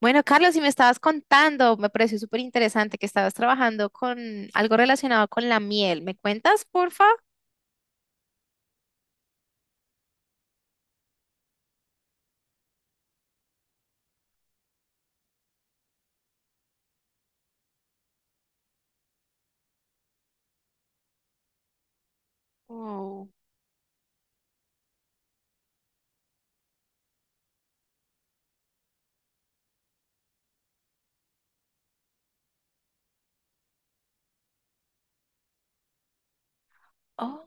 Bueno, Carlos, si me estabas contando, me pareció súper interesante que estabas trabajando con algo relacionado con la miel. ¿Me cuentas, porfa? Oh. Oh,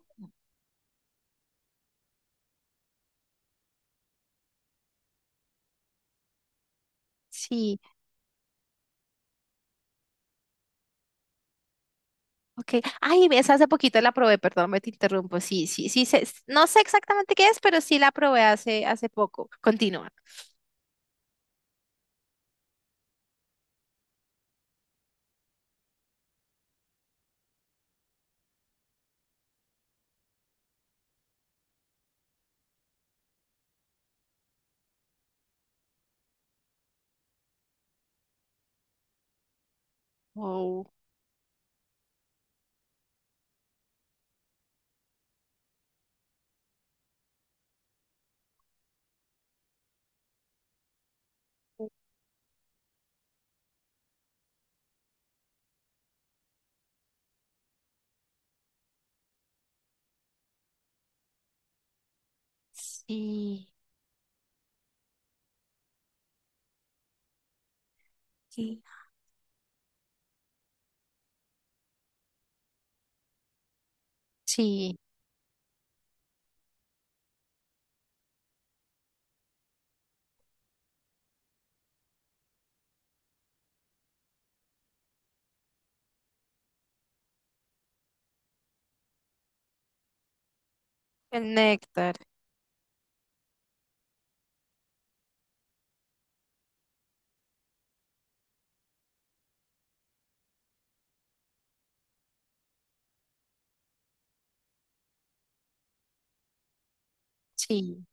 sí. Ok. Ay, ves, hace poquito la probé, perdón, me te interrumpo. Sí, sí, sí, no sé exactamente qué es, pero sí la probé hace poco. Continúa. Oh, Sí, sí, sí, el néctar, sí,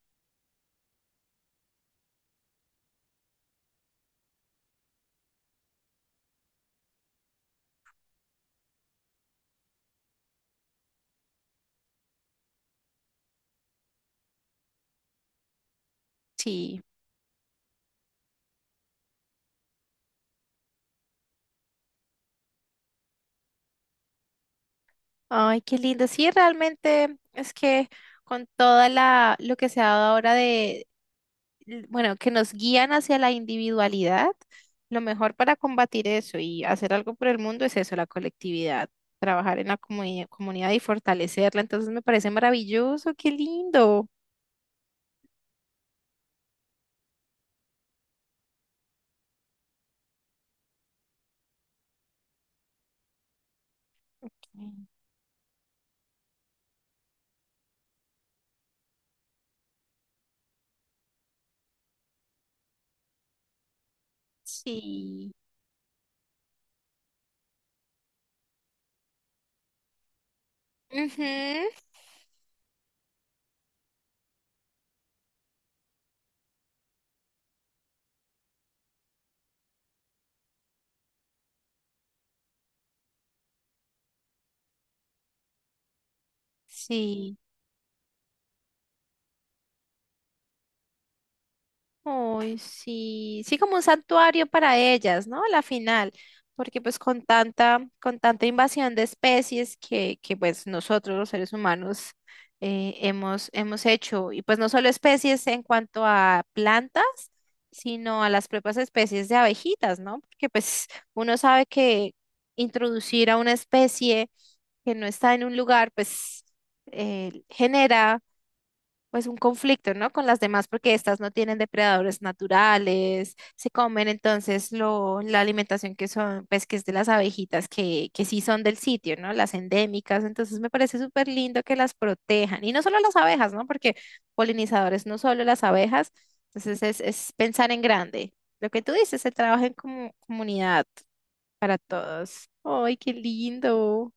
sí. Ay, qué lindo. Sí, realmente es que con toda la lo que se ha dado ahora de bueno, que nos guían hacia la individualidad, lo mejor para combatir eso y hacer algo por el mundo es eso, la colectividad, trabajar en la comunidad y fortalecerla. Entonces me parece maravilloso, qué lindo. Mm. Sí. Ujú. Sí. Uy, sí, sí, como un santuario para ellas, ¿no? La final, porque pues con con tanta invasión de especies que pues nosotros los seres humanos hemos hecho, y pues no solo especies en cuanto a plantas, sino a las propias especies de abejitas, ¿no? Porque pues uno sabe que introducir a una especie que no está en un lugar, pues genera pues un conflicto, ¿no? Con las demás porque estas no tienen depredadores naturales, se comen entonces lo, la alimentación que son, pues que es de las abejitas que sí son del sitio, ¿no? Las endémicas, entonces me parece súper lindo que las protejan y no solo las abejas, ¿no? Porque polinizadores no solo las abejas, entonces es pensar en grande. Lo que tú dices, se trabaja en comunidad para todos. ¡Ay, qué lindo!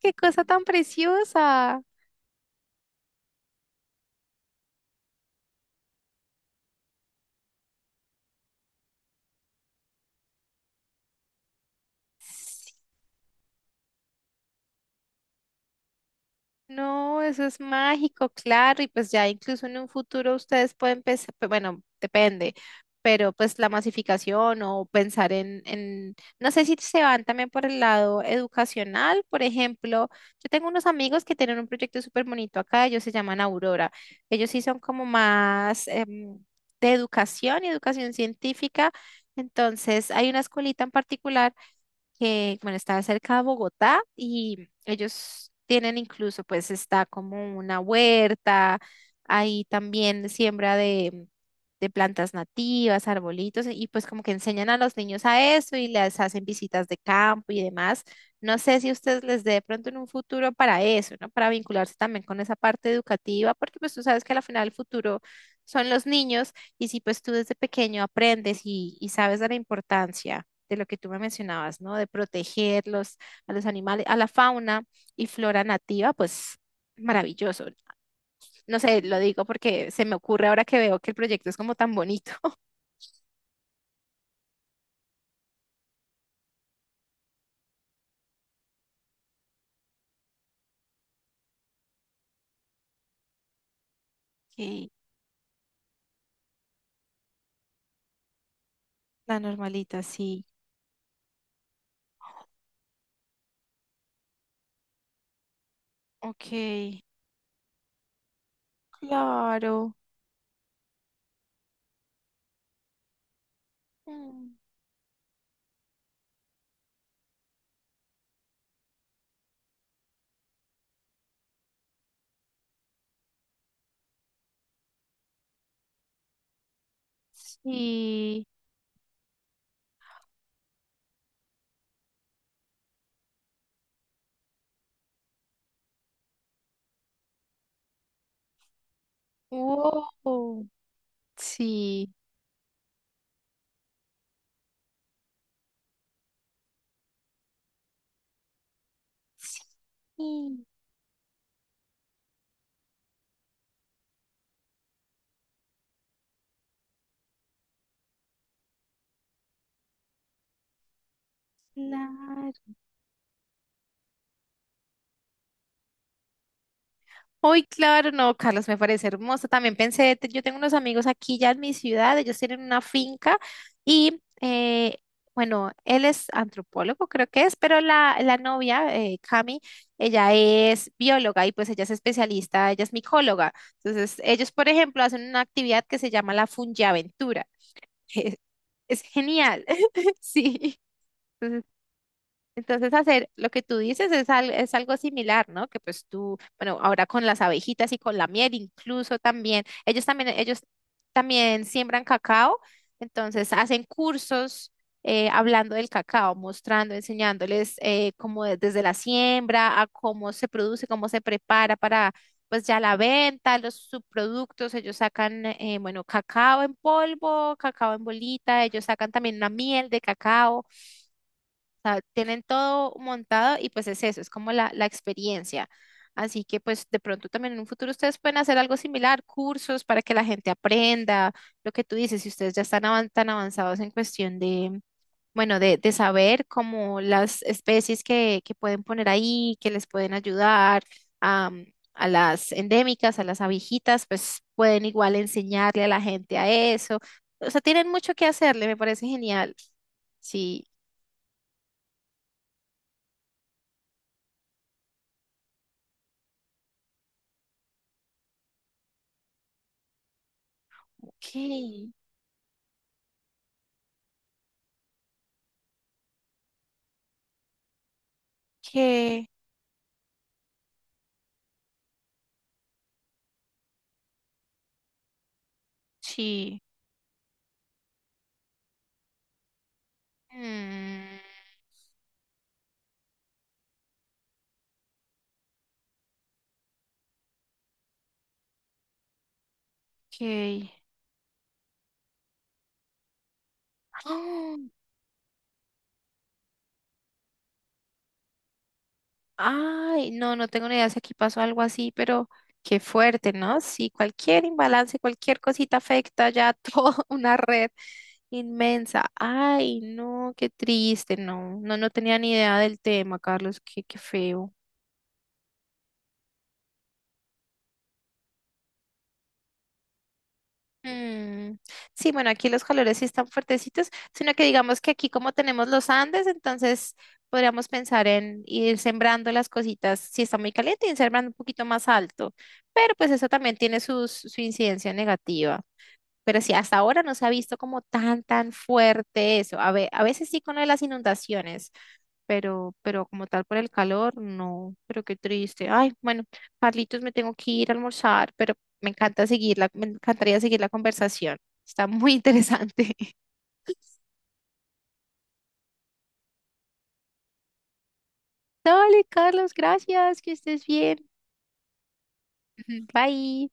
¡Qué cosa tan preciosa! No, eso es mágico, claro, y pues ya incluso en un futuro ustedes pueden pensar, bueno, depende, pero pues la masificación o pensar en, no sé si se van también por el lado educacional, por ejemplo, yo tengo unos amigos que tienen un proyecto súper bonito acá, ellos se llaman Aurora, ellos sí son como más de educación y educación científica, entonces hay una escuelita en particular que, bueno, está cerca de Bogotá y ellos tienen incluso, pues está como una huerta, ahí también siembra de plantas nativas, arbolitos, y pues como que enseñan a los niños a eso y les hacen visitas de campo y demás. No sé si ustedes les dé de pronto en un futuro para eso, ¿no? Para vincularse también con esa parte educativa, porque pues tú sabes que al final el futuro son los niños y si pues tú desde pequeño aprendes y sabes de la importancia de lo que tú me mencionabas, ¿no? De protegerlos a los animales, a la fauna y flora nativa, pues maravilloso. No sé, lo digo porque se me ocurre ahora que veo que el proyecto es como tan bonito. Ok, la normalita, sí. Ok, claro. Mm. Sí. Wow. Sí. Sí, claro. Uy, claro, no, Carlos, me parece hermoso. También pensé, yo tengo unos amigos aquí ya en mi ciudad, ellos tienen una finca y, bueno, él es antropólogo, creo que es, pero la novia, Cami, ella es bióloga y pues ella es especialista, ella es micóloga. Entonces, ellos, por ejemplo, hacen una actividad que se llama la fungiaventura. Es, es genial, sí. Entonces, hacer lo que tú dices es, es algo similar, ¿no? Que pues tú, bueno, ahora con las abejitas y con la miel incluso también, ellos también, ellos también siembran cacao, entonces hacen cursos hablando del cacao, mostrando, enseñándoles cómo desde la siembra a cómo se produce, cómo se prepara para pues ya la venta, los subproductos, ellos sacan, bueno, cacao en polvo, cacao en bolita, ellos sacan también una miel de cacao sea, tienen todo montado y pues es eso, es como la experiencia. Así que pues de pronto también en un futuro ustedes pueden hacer algo similar, cursos para que la gente aprenda, lo que tú dices, si ustedes ya están tan avanzados en cuestión de, bueno, de saber como las especies que pueden poner ahí, que les pueden ayudar a, a las endémicas, a las abejitas, pues pueden igual enseñarle a la gente a eso. O sea, tienen mucho que hacerle, me parece genial. Sí, ok. Que sí. Mm. Que ay, no, no tengo ni idea si aquí pasó algo así, pero qué fuerte, ¿no? Sí, cualquier imbalance, cualquier cosita afecta ya toda una red inmensa. Ay, no, qué triste, no, no, no tenía ni idea del tema, Carlos, qué, qué feo. Mm. Sí, bueno, aquí los calores sí están fuertecitos, sino que digamos que aquí como tenemos los Andes, entonces podríamos pensar en ir sembrando las cositas, si está muy caliente, ir sembrando un poquito más alto, pero pues eso también tiene su incidencia negativa. Pero sí, hasta ahora no se ha visto como tan, tan fuerte eso. A veces sí con lo de las inundaciones, pero como tal por el calor, no, pero qué triste. Ay, bueno, Carlitos, me tengo que ir a almorzar, pero me encanta seguirla, me encantaría seguir la conversación. Está muy interesante. Dale, Carlos, gracias, que estés bien. Bye.